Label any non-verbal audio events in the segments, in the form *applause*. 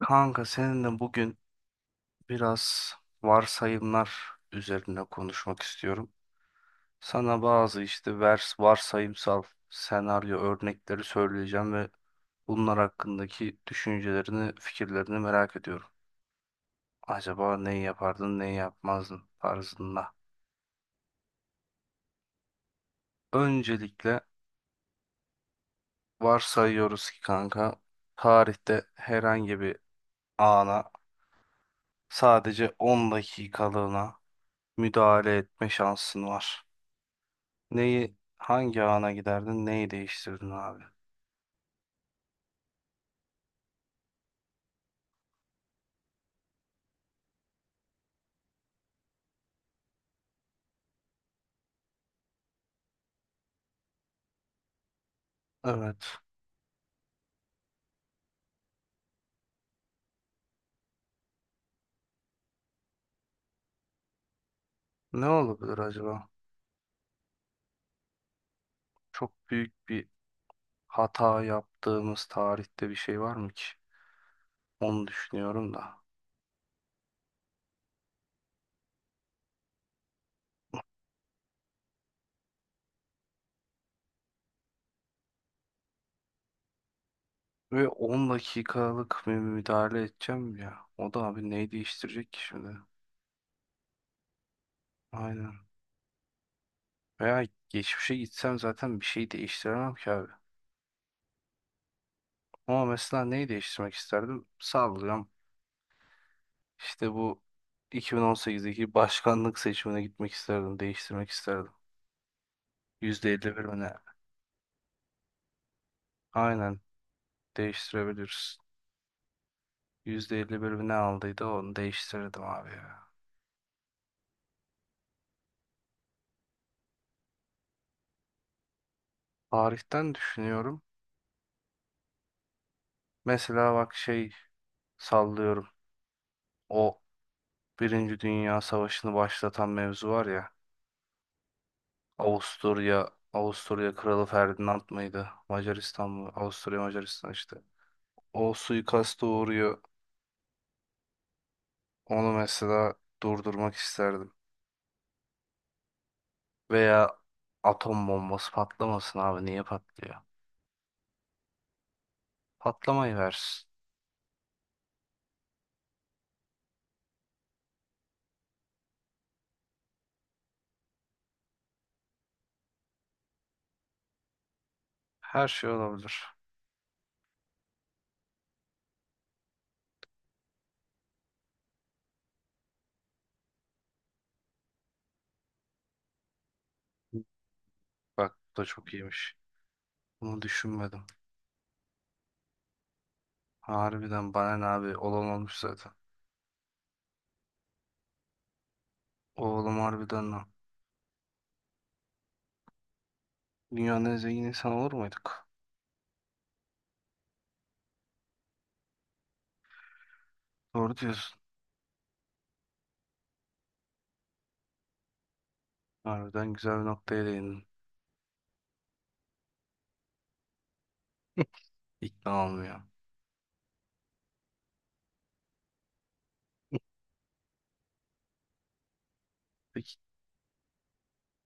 Kanka seninle bugün biraz varsayımlar üzerine konuşmak istiyorum. Sana bazı işte varsayımsal senaryo örnekleri söyleyeceğim ve bunlar hakkındaki düşüncelerini, fikirlerini merak ediyorum. Acaba neyi yapardın, neyi yapmazdın tarzında. Öncelikle varsayıyoruz ki kanka tarihte herhangi bir ana sadece 10 dakikalığına müdahale etme şansın var. Neyi hangi ana giderdin? Neyi değiştirdin abi? Evet. Ne olabilir acaba? Çok büyük bir hata yaptığımız tarihte bir şey var mı ki? Onu düşünüyorum da. Ve 10 dakikalık bir müdahale edeceğim ya. O da abi neyi değiştirecek ki şimdi? Aynen. Veya geçmişe gitsem zaten bir şey değiştiremem ki abi. Ama mesela neyi değiştirmek isterdim? Sallıyorum. İşte bu 2018'deki başkanlık seçimine gitmek isterdim, değiştirmek isterdim. %51 mi ne? Aynen değiştirebiliriz. %51 mi ne aldıydı onu değiştirirdim abi ya. Tarihten düşünüyorum. Mesela bak şey sallıyorum. O Birinci Dünya Savaşı'nı başlatan mevzu var ya. Avusturya, Avusturya Kralı Ferdinand mıydı? Macaristan mı? Avusturya Macaristan işte. O suikasta uğruyor. Onu mesela durdurmak isterdim. Veya atom bombası patlamasın abi. Niye patlıyor? Patlamayı versin. Her şey olabilir. Bak bu da çok iyiymiş. Bunu düşünmedim. Harbiden bana ne abi, olan olmuş zaten. Oğlum harbiden lan. Dünyanın en zengin insanı olur muyduk? Doğru diyorsun. Harbiden güzel bir noktaya değindin. *laughs* İkna olmuyor. Peki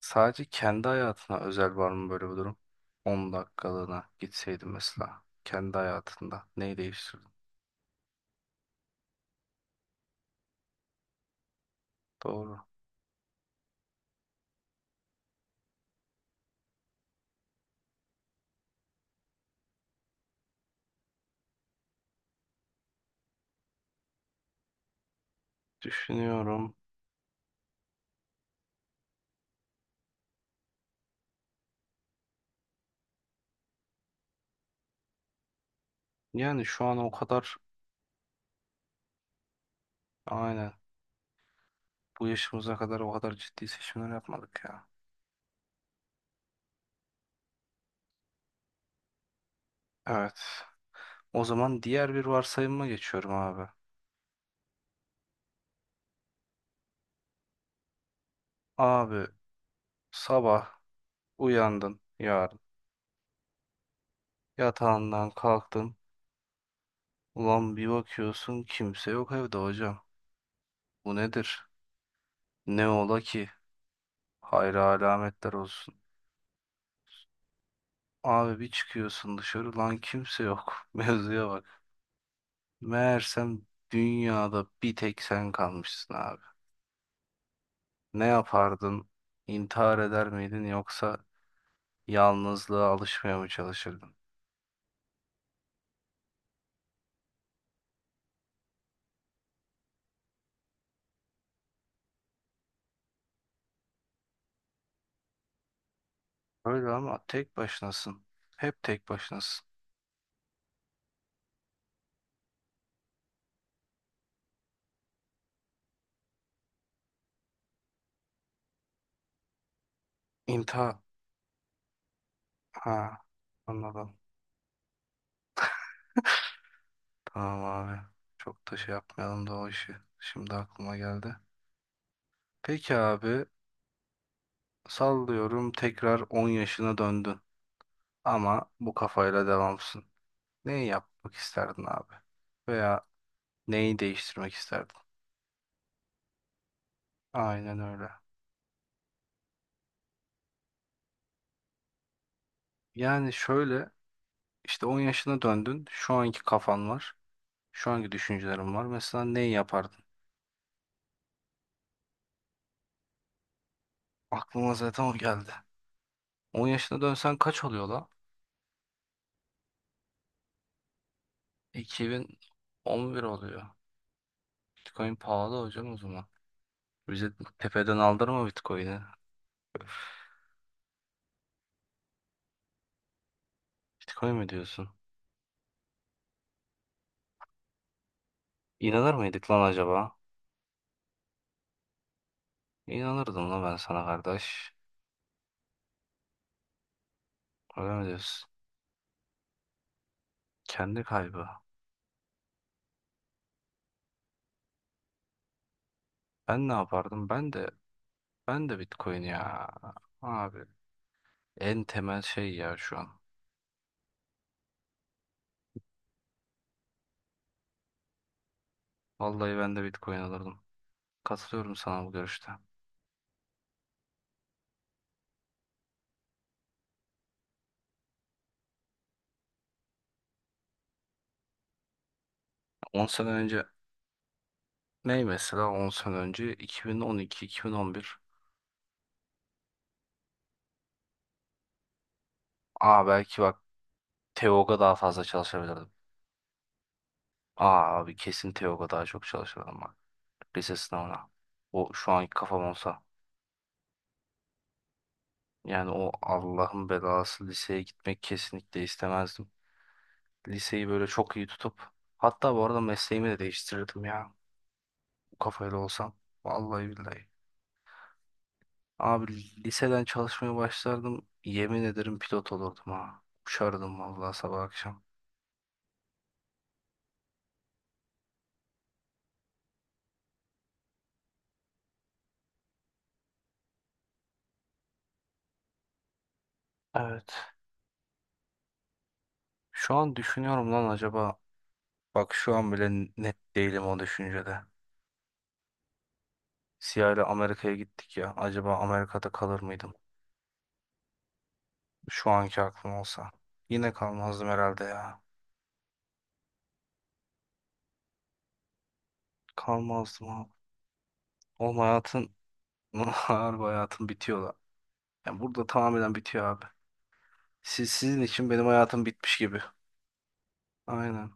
sadece kendi hayatına özel var mı böyle bir durum? 10 dakikalığına gitseydin mesela kendi hayatında neyi değiştirdin? Doğru. Düşünüyorum. Yani şu an o kadar, aynen, bu yaşımıza kadar o kadar ciddi seçimler yapmadık ya. Evet. O zaman diğer bir varsayıma geçiyorum abi. Abi sabah uyandın yarın. Yatağından kalktın. Ulan bir bakıyorsun kimse yok evde hocam. Bu nedir? Ne ola ki? Hayra alametler olsun. Abi bir çıkıyorsun dışarı lan kimse yok. *laughs* Mevzuya bak. Meğersem dünyada bir tek sen kalmışsın abi. Ne yapardın? İntihar eder miydin yoksa yalnızlığa alışmaya mı çalışırdın? Öyle ama tek başınasın. Hep tek başınasın. İnta. Ha. Anladım. Tamam abi. Çok da şey yapmayalım da o işi. Şimdi aklıma geldi. Peki abi. Sallıyorum tekrar 10 yaşına döndün. Ama bu kafayla devamsın. Neyi yapmak isterdin abi? Veya neyi değiştirmek isterdin? Aynen öyle. Yani şöyle işte 10 yaşına döndün. Şu anki kafan var. Şu anki düşüncelerin var. Mesela neyi yapardın? Aklıma zaten o geldi. 10 yaşına dönsen kaç oluyor la? 2011 oluyor. Bitcoin pahalı hocam o zaman. Bize tepeden aldırma Bitcoin'i. Bitcoin mi diyorsun? İnanır mıydık lan acaba? İnanırdım lan ben sana kardeş. Öyle mi diyorsun? Kendi kaybı. Ben ne yapardım? Ben de ben de Bitcoin ya. Abi en temel şey ya şu an. Vallahi ben de Bitcoin alırdım. Katılıyorum sana bu görüşte. 10 sene önce ney, mesela 10 sene önce 2012-2011. Aa belki bak, Teoga daha fazla çalışabilirdim. Aa abi kesin Teoga daha çok çalışırdım bak. Lise sınavına. O şu anki kafam olsa. Yani o Allah'ın belası liseye gitmek kesinlikle istemezdim. Liseyi böyle çok iyi tutup hatta bu arada mesleğimi de değiştirirdim ya. Bu kafayla olsam. Vallahi billahi. Abi liseden çalışmaya başlardım. Yemin ederim pilot olurdum ha. Uçardım vallahi sabah akşam. Evet. Şu an düşünüyorum lan acaba. Bak şu an bile net değilim o düşüncede. Siyah ile Amerika'ya gittik ya. Acaba Amerika'da kalır mıydım? Şu anki aklım olsa. Yine kalmazdım herhalde ya. Kalmazdım abi. Oğlum hayatın, *laughs* harbi hayatın bitiyor da. Yani burada tamamen bitiyor abi. Siz, sizin için benim hayatım bitmiş gibi. Aynen.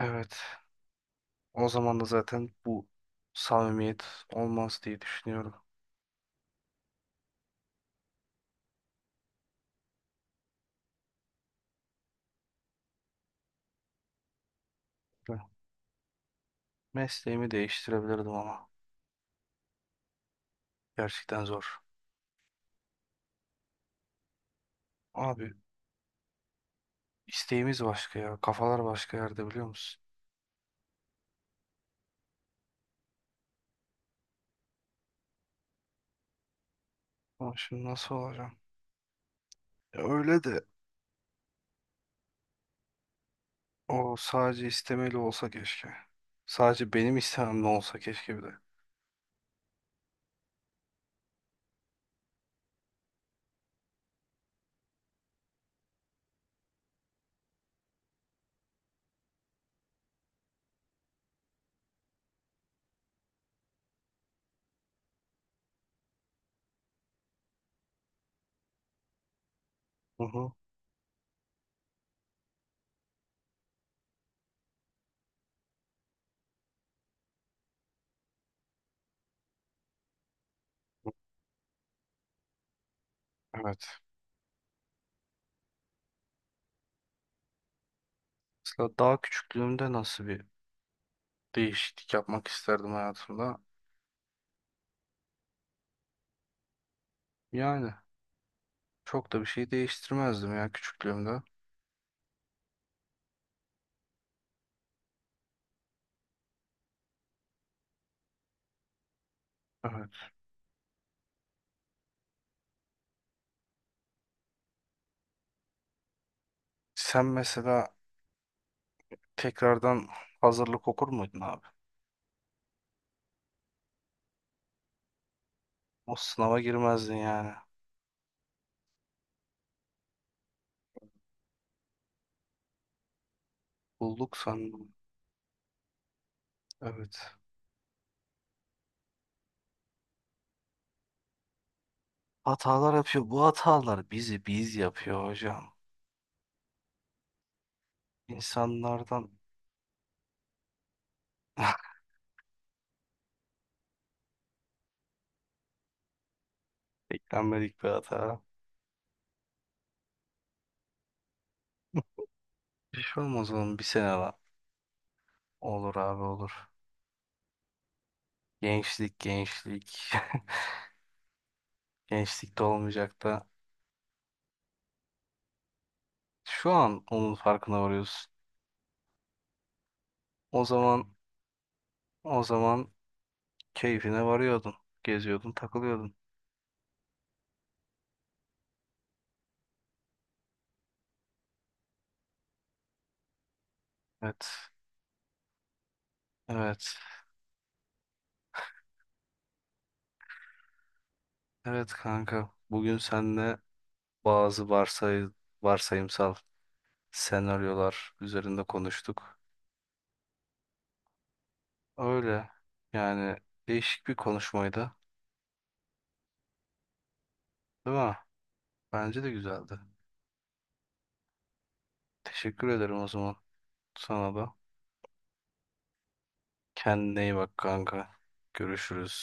Evet. O zaman da zaten bu samimiyet olmaz diye düşünüyorum. Ben mesleğimi değiştirebilirdim ama. Gerçekten zor. Abi isteğimiz başka ya. Kafalar başka yerde biliyor musun? Ama şimdi nasıl olacağım? Ya öyle de, o sadece istemeli olsa keşke. Sadece benim istememle olsa keşke bir de. Hı hı. Evet. Mesela daha küçüklüğümde nasıl bir değişiklik yapmak isterdim hayatımda? Yani çok da bir şey değiştirmezdim ya küçüklüğümde. Evet. Sen mesela tekrardan hazırlık okur muydun abi? O sınava girmezdin yani. Bulduk sandım. Evet. Hatalar yapıyor. Bu hatalar bizi biz yapıyor hocam. İnsanlardan *laughs* beklenmedik bir hata. Bir şey olmaz oğlum bir sene lan. Olur abi olur. Gençlik gençlik. *laughs* gençlik de olmayacak da. Şu an onun farkına varıyorsun. O zaman, o zaman keyfine varıyordun. Geziyordun takılıyordun. Evet. Evet. Evet kanka. Bugün seninle bazı varsayımsal senaryolar üzerinde konuştuk. Öyle. Yani değişik bir konuşmaydı. Değil mi? Bence de güzeldi. Teşekkür ederim o zaman sana da. Kendine iyi bak kanka. Görüşürüz.